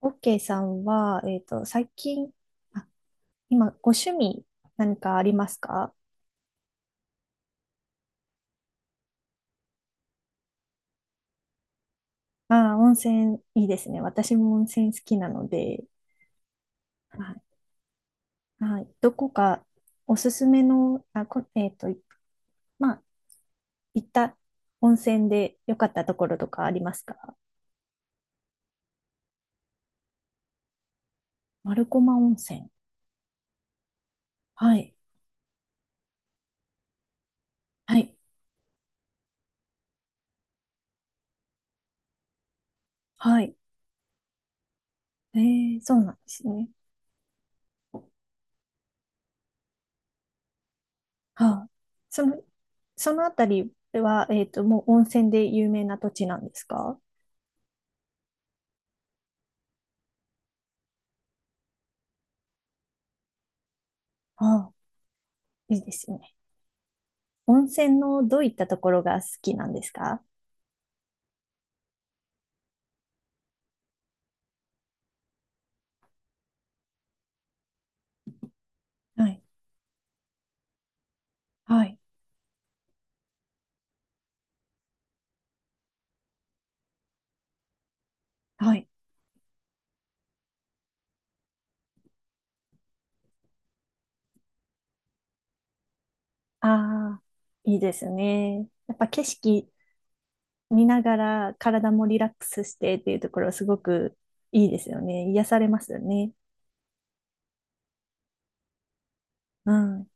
オッケーさんは、最近、あ、今、ご趣味何かありますか？ああー、温泉いいですね。私も温泉好きなので、はい。はい。どこかおすすめの、あ、こ、えっと、まあ、行った温泉で良かったところとかありますか？丸駒温泉。はい。はい。はい。えー、そうなんですね。はあ。その、そのあたりは、もう温泉で有名な土地なんですか？ああ。いいですね。温泉のどういったところが好きなんですか？はい、はい、はい。ああ、いいですね。やっぱ景色見ながら体もリラックスしてっていうところすごくいいですよね。癒されますよね。うん。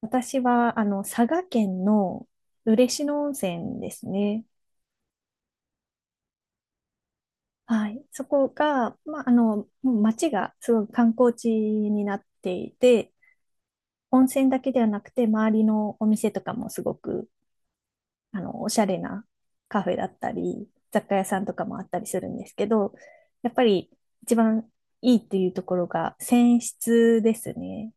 私は、あの、佐賀県の嬉野温泉ですね。はい。そこが、まあ、あの、もう町がすごく観光地になっていて、温泉だけではなくて、周りのお店とかもすごくあの、おしゃれなカフェだったり、雑貨屋さんとかもあったりするんですけど、やっぱり一番いいっていうところが泉質ですね。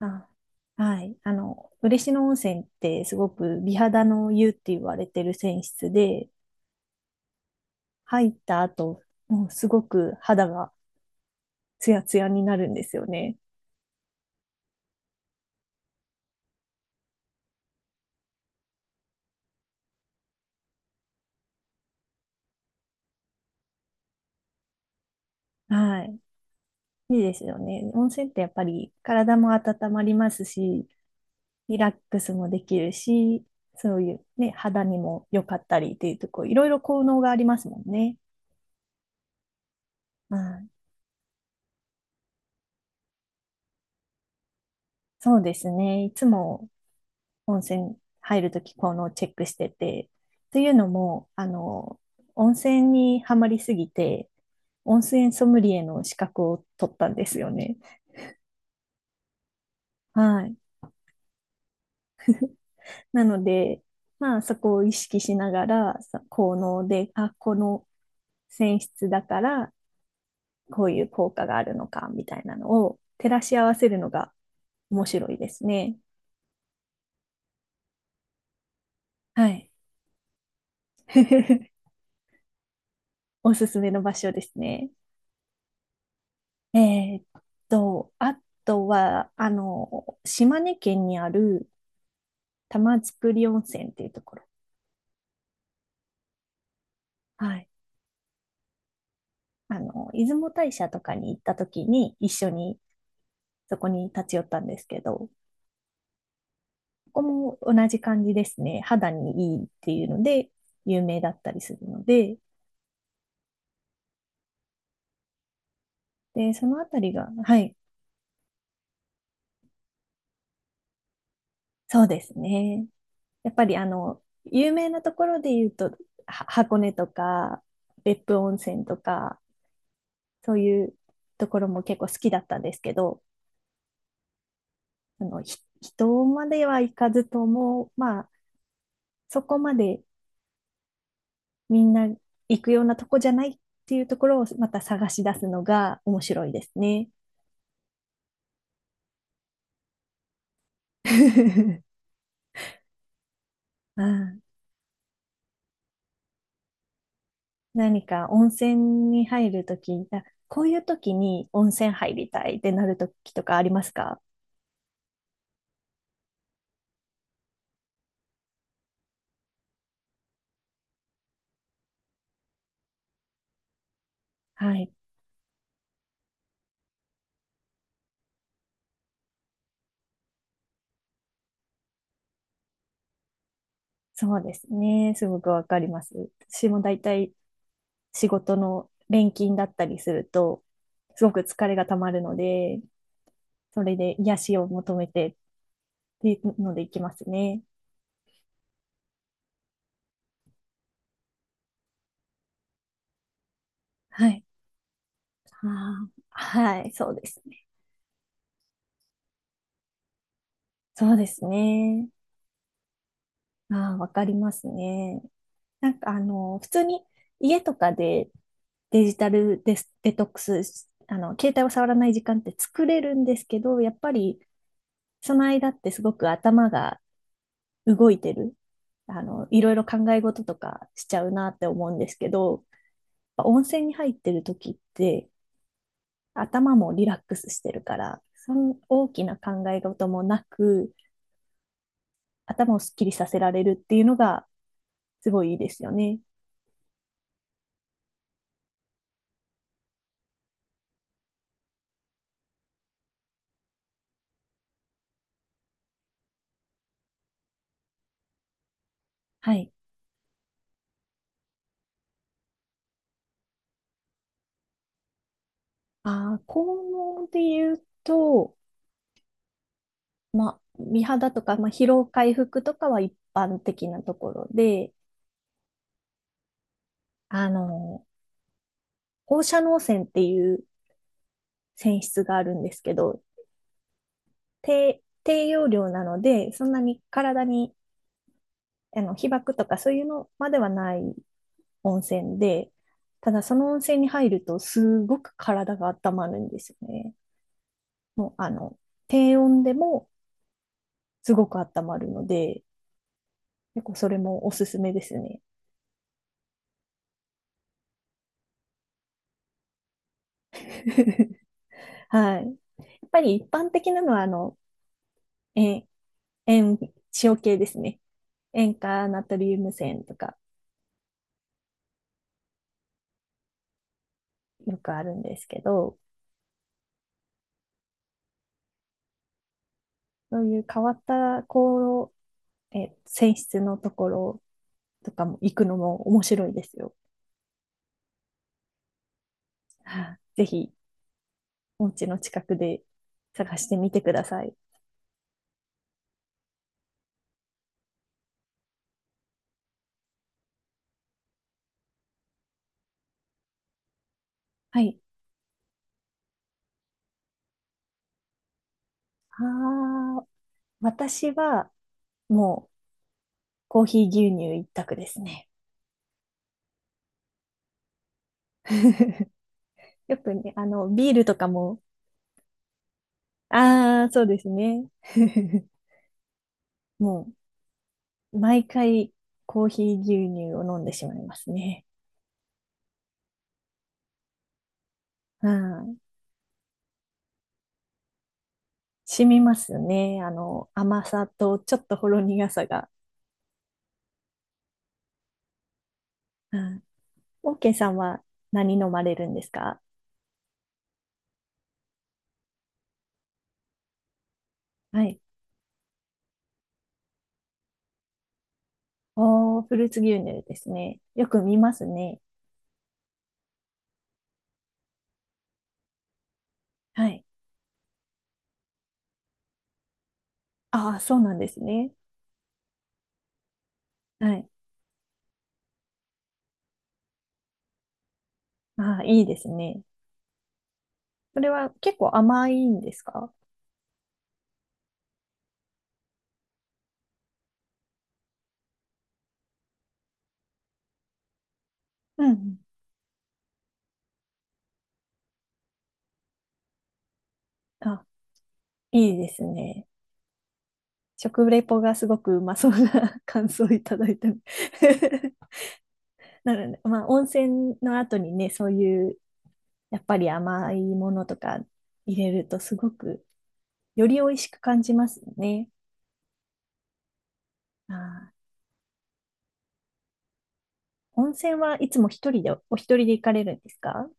あ、はい。あの、嬉野温泉ってすごく美肌の湯って言われてる泉質で、入った後、もうすごく肌がツヤツヤになるんですよね。はい。いいですよね。温泉ってやっぱり体も温まりますし、リラックスもできるし、そういうね、肌にも良かったりっていうとこ、いろいろ効能がありますもんね。うん、そうですね。いつも温泉入るとき効能をチェックしてて、というのも、あの、温泉にはまりすぎて、温泉ソムリエの資格を取ったんですよね。はい。なので、まあそこを意識しながら、効能で、あ、この泉質だからこういう効果があるのかみたいなのを照らし合わせるのが面白いですね。はい。おすすめの場所ですね。えーっあとは、あの、島根県にある玉造温泉っていうところ。はい。あの、出雲大社とかに行った時に一緒にそこに立ち寄ったんですけど、ここも同じ感じですね。肌にいいっていうので有名だったりするので、で、そのあたりが、はい、そうですね。やっぱりあの、有名なところで言うと、箱根とか、別府温泉とか、そういうところも結構好きだったんですけど、あの、人までは行かずとも、まあ、そこまでみんな行くようなとこじゃないっていうところをまた探し出すのが面白いですね。ああ、何か温泉に入るとき、あ、こういうときに温泉入りたいってなるときとかありますか？はい。そうですね。すごくわかります。私も大体仕事の連勤だったりすると、すごく疲れがたまるので、それで癒しを求めてっていうので行きますね。はい。あーはい、そうですね。そうですね。ああ、わかりますね。なんかあの、普通に家とかでデジタルデス、デトックスし、あの、携帯を触らない時間って作れるんですけど、やっぱりその間ってすごく頭が動いてる、あの、いろいろ考え事とかしちゃうなって思うんですけど、温泉に入ってる時って頭もリラックスしてるから、その大きな考え事もなく、頭をすっきりさせられるっていうのがすごいいいですよね。はい。あー、効能で言うと、まあ、美肌とか、まあ、疲労回復とかは一般的なところで、あの、放射能泉っていう泉質があるんですけど、低用量なので、そんなに体に、あの、被曝とかそういうのまではない温泉で、ただその温泉に入るとすごく体が温まるんですよね。もう、あの、低温でもすごく温まるので、結構それもおすすめですね。はい。やっぱり一般的なのは、あの、塩、塩、塩系ですね。塩化ナトリウム泉とかよくあるんですけど、そういう変わった泉質のところとかも行くのも面白いですよ。ぜひ、お家の近くで探してみてください。はい。ああ、私はもうコーヒー牛乳一択ですね。よくね、あの、ビールとかも、ああ、そうですね。もう、毎回コーヒー牛乳を飲んでしまいますね。うん、染みますね。あの、甘さとちょっとほろ苦さが。うん、オーケーさんは何飲まれるんですか？はい。おー、フルーツ牛乳ですね。よく見ますね。はい。ああ、そうなんですね。はい。ああ、いいですね。それは結構甘いんですか？うんうん。あ、いいですね。食レポがすごくうまそうな 感想をいただいた。なるほど。まあ、温泉の後にね、そういう、やっぱり甘いものとか入れるとすごく、より美味しく感じますね。ああ。温泉はいつも一人で、お一人で行かれるんですか？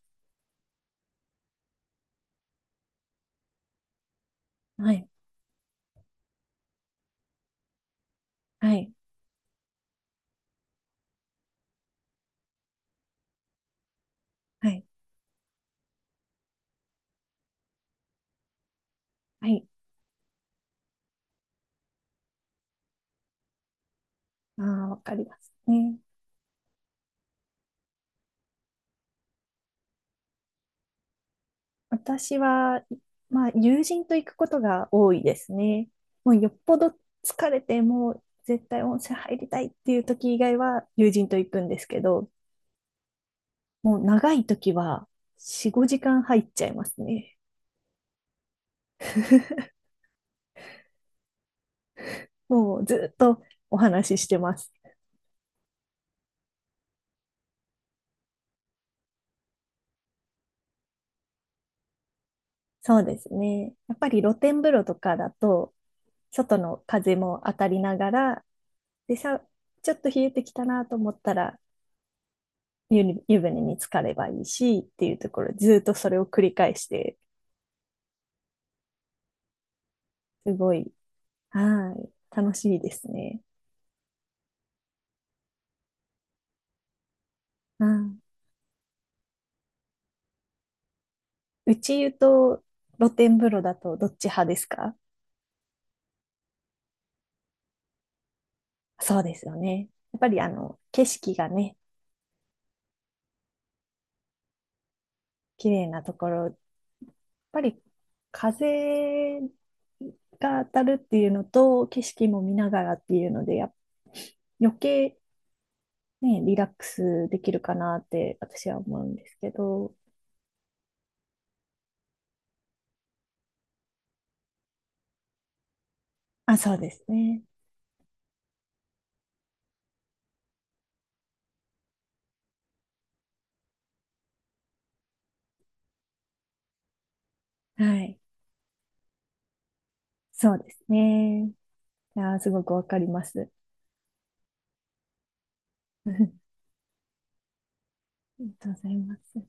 はい、はい、はい、はい。ああ、わかりますね。私は、まあ、友人と行くことが多いですね。もうよっぽど疲れて、もう絶対温泉入りたいっていう時以外は友人と行くんですけど、もう長い時は4、5時間入っちゃいますね。もうずっとお話ししてます。そうですね。やっぱり露天風呂とかだと、外の風も当たりながら、でさ、ちょっと冷えてきたなと思ったら、湯船に浸かればいいしっていうところ、ずっとそれを繰り返して、すごい、はい、楽しいですね。うん。内湯と露天風呂だとどっち派ですか？そうですよね。やっぱりあの、景色がね、綺麗なところ、やっぱり風が当たるっていうのと、景色も見ながらっていうので、余計ね、リラックスできるかなって私は思うんですけど。あ、そうですね。はい。そうですね。あー、すごくわかります。ありがとうございます。